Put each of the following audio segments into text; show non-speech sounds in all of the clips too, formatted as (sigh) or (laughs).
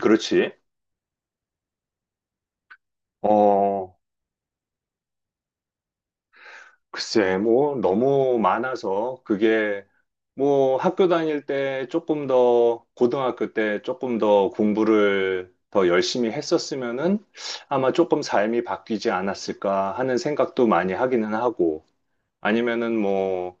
그렇지. 어, 글쎄, 뭐, 너무 많아서 그게 뭐 학교 다닐 때 조금 더, 고등학교 때 조금 더 공부를 더 열심히 했었으면은 아마 조금 삶이 바뀌지 않았을까 하는 생각도 많이 하기는 하고, 아니면은 뭐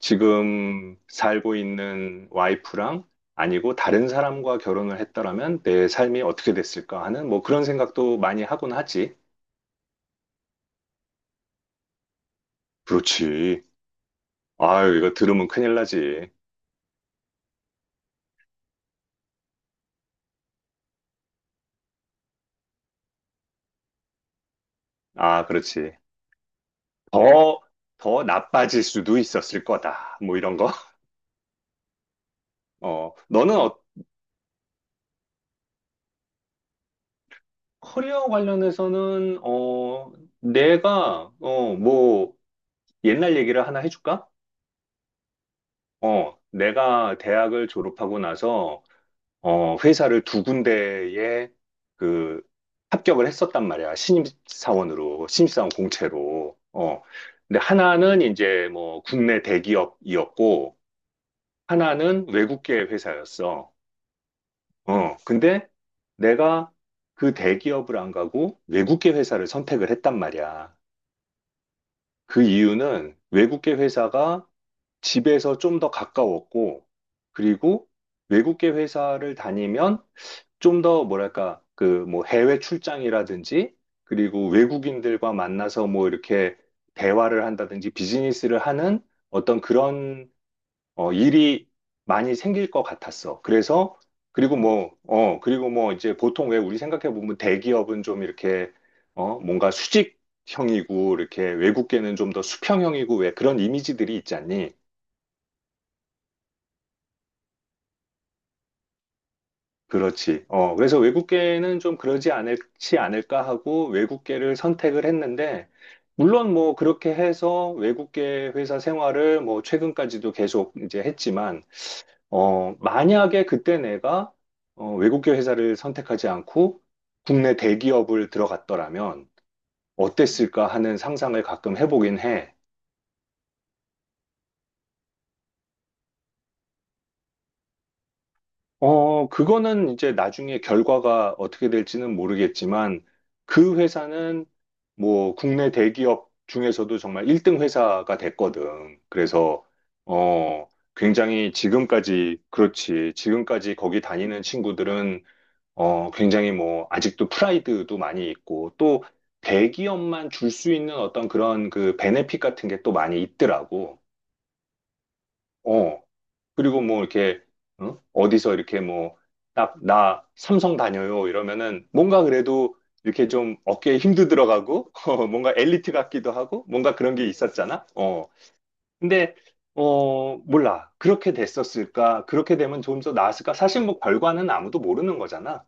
지금 살고 있는 와이프랑 아니고 다른 사람과 결혼을 했더라면 내 삶이 어떻게 됐을까 하는 뭐 그런 생각도 많이 하곤 하지. 그렇지. 아유, 이거 들으면 큰일 나지. 아, 그렇지. 더, 더 나빠질 수도 있었을 거다. 뭐 이런 거. (laughs) 너는 커리어 관련해서는, 내가, 뭐, 옛날 얘기를 하나 해줄까? 내가 대학을 졸업하고 나서, 회사를 두 군데에 그 합격을 했었단 말이야. 신입사원으로, 신입사원 공채로. 근데 하나는 이제 뭐 국내 대기업이었고, 하나는 외국계 회사였어. 근데 내가 그 대기업을 안 가고 외국계 회사를 선택을 했단 말이야. 그 이유는 외국계 회사가 집에서 좀 더 가까웠고, 그리고 외국계 회사를 다니면 좀 더 뭐랄까, 그 뭐 해외 출장이라든지, 그리고 외국인들과 만나서 뭐 이렇게 대화를 한다든지 비즈니스를 하는 어떤 그런 일이 많이 생길 것 같았어. 그래서, 그리고 뭐, 이제 보통 왜 우리 생각해보면 대기업은 좀 이렇게, 뭔가 수직형이고, 이렇게 외국계는 좀 더 수평형이고, 왜 그런 이미지들이 있잖니. 그렇지. 그래서 외국계는 좀 그러지 않을지 않을까 하고 외국계를 선택을 했는데, 물론 뭐 그렇게 해서 외국계 회사 생활을 뭐 최근까지도 계속 이제 했지만, 만약에 그때 내가 외국계 회사를 선택하지 않고 국내 대기업을 들어갔더라면 어땠을까 하는 상상을 가끔 해보긴 해. 그거는 이제 나중에 결과가 어떻게 될지는 모르겠지만 그 회사는 뭐 국내 대기업 중에서도 정말 1등 회사가 됐거든. 그래서 어, 굉장히 지금까지 그렇지. 지금까지 거기 다니는 친구들은 굉장히 뭐, 아직도 프라이드도 많이 있고, 또 대기업만 줄 수 있는 어떤 그런 그 베네핏 같은 게 또 많이 있더라고. 어, 그리고 뭐 이렇게, 어? 어디서 이렇게 뭐, 딱, 나 삼성 다녀요 이러면은 뭔가 그래도 이렇게 좀 어깨에 힘도 들어가고, (laughs) 뭔가 엘리트 같기도 하고, 뭔가 그런 게 있었잖아. 근데, 몰라. 그렇게 됐었을까? 그렇게 되면 좀 더 나았을까? 사실 뭐 결과는 아무도 모르는 거잖아.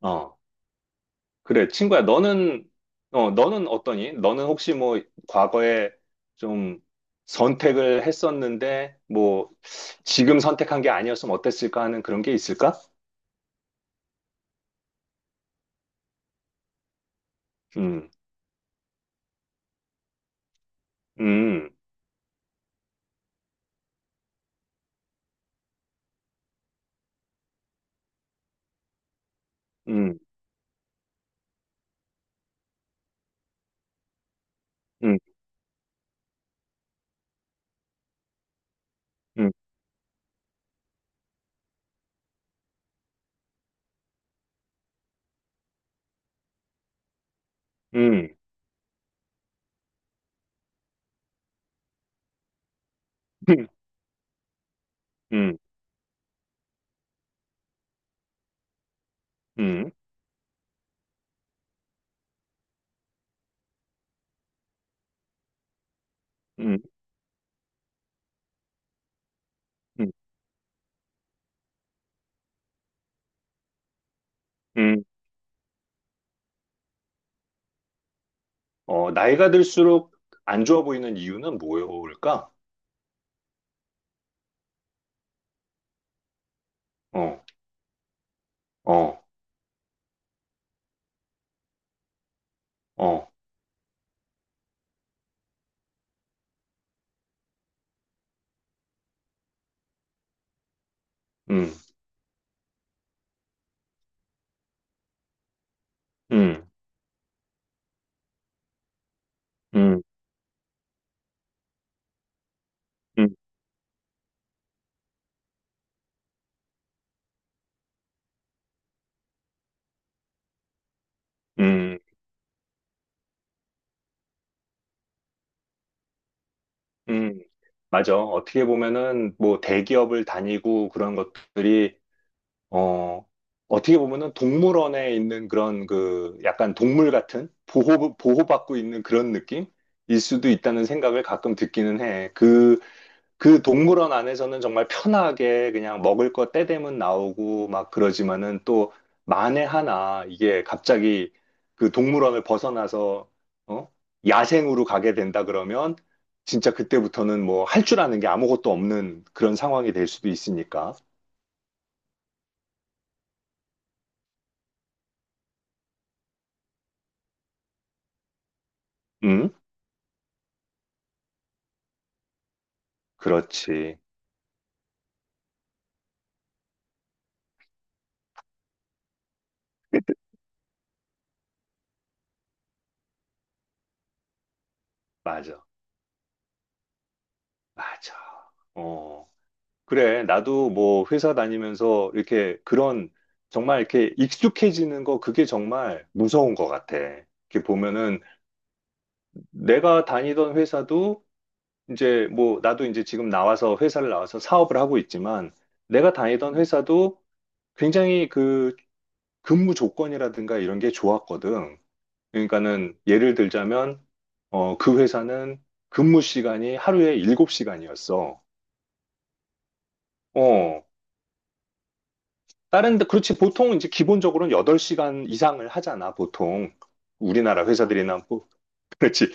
어. 그래, 친구야, 너는 어떠니? 너는 혹시 뭐, 과거에 좀 선택을 했었는데, 뭐, 지금 선택한 게 아니었으면 어땠을까 하는 그런 게 있을까? 음, 음, 음, 음, 음, 음, 음, 음, 음, 음, 음. 음. 음. 나이가 들수록 안 좋아 보이는 이유는 뭐일까? 어, 어, 어, 음, 음, 음, 음, 음. 음. 음, 맞아. 어떻게 보면은 뭐 대기업을 다니고 그런 것들이 어 어떻게 보면은 동물원에 있는 그런 그 약간 동물 같은 보호받고 있는 그런 느낌일 수도 있다는 생각을 가끔 듣기는 해. 그 동물원 안에서는 정말 편하게 그냥 먹을 거 때 되면 나오고 막 그러지만은 또 만에 하나 이게 갑자기 그 동물원을 벗어나서 어? 야생으로 가게 된다 그러면 진짜 그때부터는 뭐 할 줄 아는 게 아무것도 없는 그런 상황이 될 수도 있으니까. 응? 그렇지. 맞아. 맞아. 어. 그래, 나도 뭐 회사 다니면서 이렇게 그런 정말 이렇게 익숙해지는 거 그게 정말 무서운 것 같아. 이렇게 보면은 내가 다니던 회사도 이제 뭐 나도 이제 지금 나와서 회사를 나와서 사업을 하고 있지만 내가 다니던 회사도 굉장히 그 근무 조건이라든가 이런 게 좋았거든. 그러니까는 예를 들자면 그 회사는 근무 시간이 하루에 7시간이었어. 다른 데 그렇지 보통 이제 기본적으로는 8시간 이상을 하잖아 보통 우리나라 회사들이나 뭐 그렇지.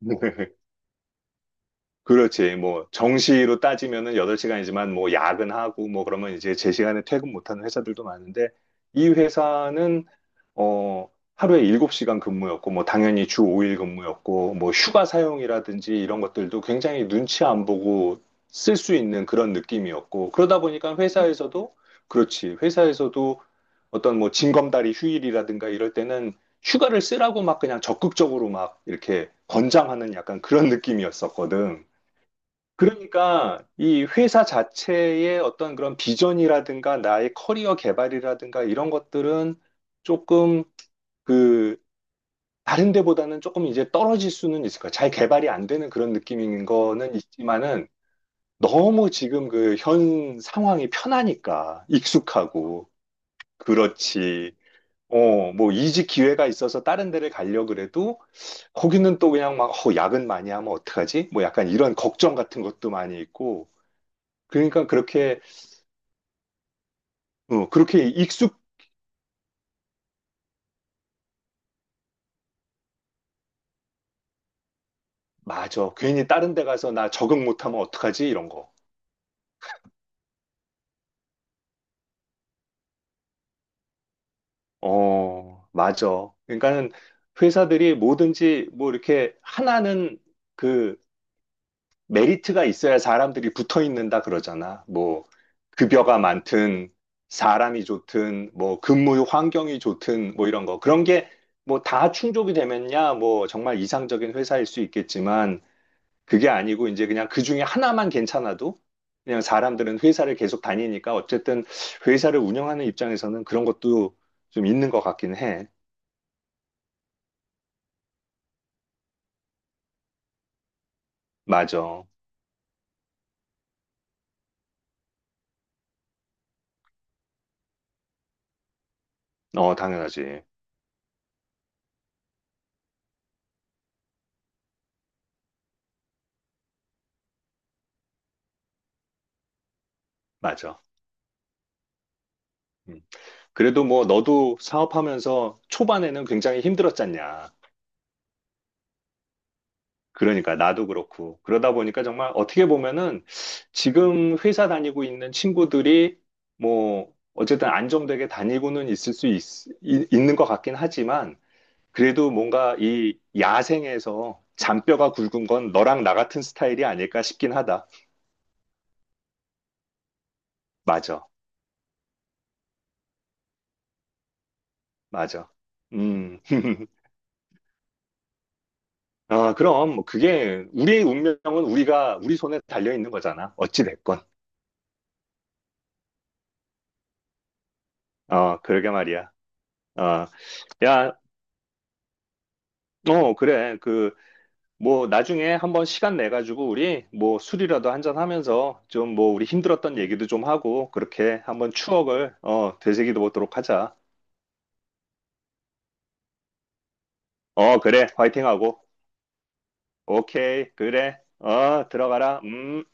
(laughs) 그렇지. 뭐, 정시로 따지면은 8시간이지만 뭐, 야근하고 뭐, 그러면 이제 제 시간에 퇴근 못하는 회사들도 많은데, 이 회사는, 어, 하루에 7시간 근무였고, 뭐, 당연히 주 5일 근무였고, 뭐, 휴가 사용이라든지 이런 것들도 굉장히 눈치 안 보고 쓸 수 있는 그런 느낌이었고, 그러다 보니까 회사에서도, 그렇지. 회사에서도 어떤 뭐, 징검다리 휴일이라든가 이럴 때는 휴가를 쓰라고 막 그냥 적극적으로 막 이렇게 권장하는 약간 그런 느낌이었었거든. 그러니까 이 회사 자체의 어떤 그런 비전이라든가 나의 커리어 개발이라든가 이런 것들은 조금 그 다른 데보다는 조금 이제 떨어질 수는 있을 거야. 잘 개발이 안 되는 그런 느낌인 거는 있지만은 너무 지금 그 현 상황이 편하니까 익숙하고 그렇지. 뭐 이직 기회가 있어서 다른 데를 가려고 그래도 거기는 또 그냥 막 야근 많이 하면 어떡하지? 뭐 약간 이런 걱정 같은 것도 많이 있고 그러니까 그렇게 익숙, 맞아. 괜히 다른 데 가서 나 적응 못하면 어떡하지? 이런 거. 어, 맞아. 그러니까는 회사들이 뭐든지 뭐 이렇게 하나는 그 메리트가 있어야 사람들이 붙어 있는다 그러잖아. 뭐 급여가 많든 사람이 좋든 뭐 근무 환경이 좋든 뭐 이런 거. 그런 게 뭐 다 충족이 되면야 뭐 정말 이상적인 회사일 수 있겠지만 그게 아니고 이제 그냥 그 중에 하나만 괜찮아도 그냥 사람들은 회사를 계속 다니니까 어쨌든 회사를 운영하는 입장에서는 그런 것도 좀 있는 것 같긴 해. 맞아. 어, 당연하지. 맞아. 음. 그래도 뭐 너도 사업하면서 초반에는 굉장히 힘들었잖냐. 그러니까 나도 그렇고. 그러다 보니까 정말 어떻게 보면은 지금 회사 다니고 있는 친구들이 뭐 어쨌든 안정되게 다니고는 있을 수 있, 이- 있는 것 같긴 하지만 그래도 뭔가 이 야생에서 잔뼈가 굵은 건 너랑 나 같은 스타일이 아닐까 싶긴 하다. 맞아, 맞아. 음, (laughs) 아, 그럼 뭐 그게 우리의 운명은 우리가 우리 손에 달려 있는 거잖아. 어찌 됐건. 어, 그러게 말이야. 어, 야, 어, 그래. 그 뭐 나중에 한번 시간 내 가지고 우리 뭐 술이라도 한잔 하면서 좀 뭐 우리 힘들었던 얘기도 좀 하고 그렇게 한번 추억을 되새기도 보도록 하자. 어, 그래. 화이팅하고. 오케이, 그래. 어, 들어가라. 음.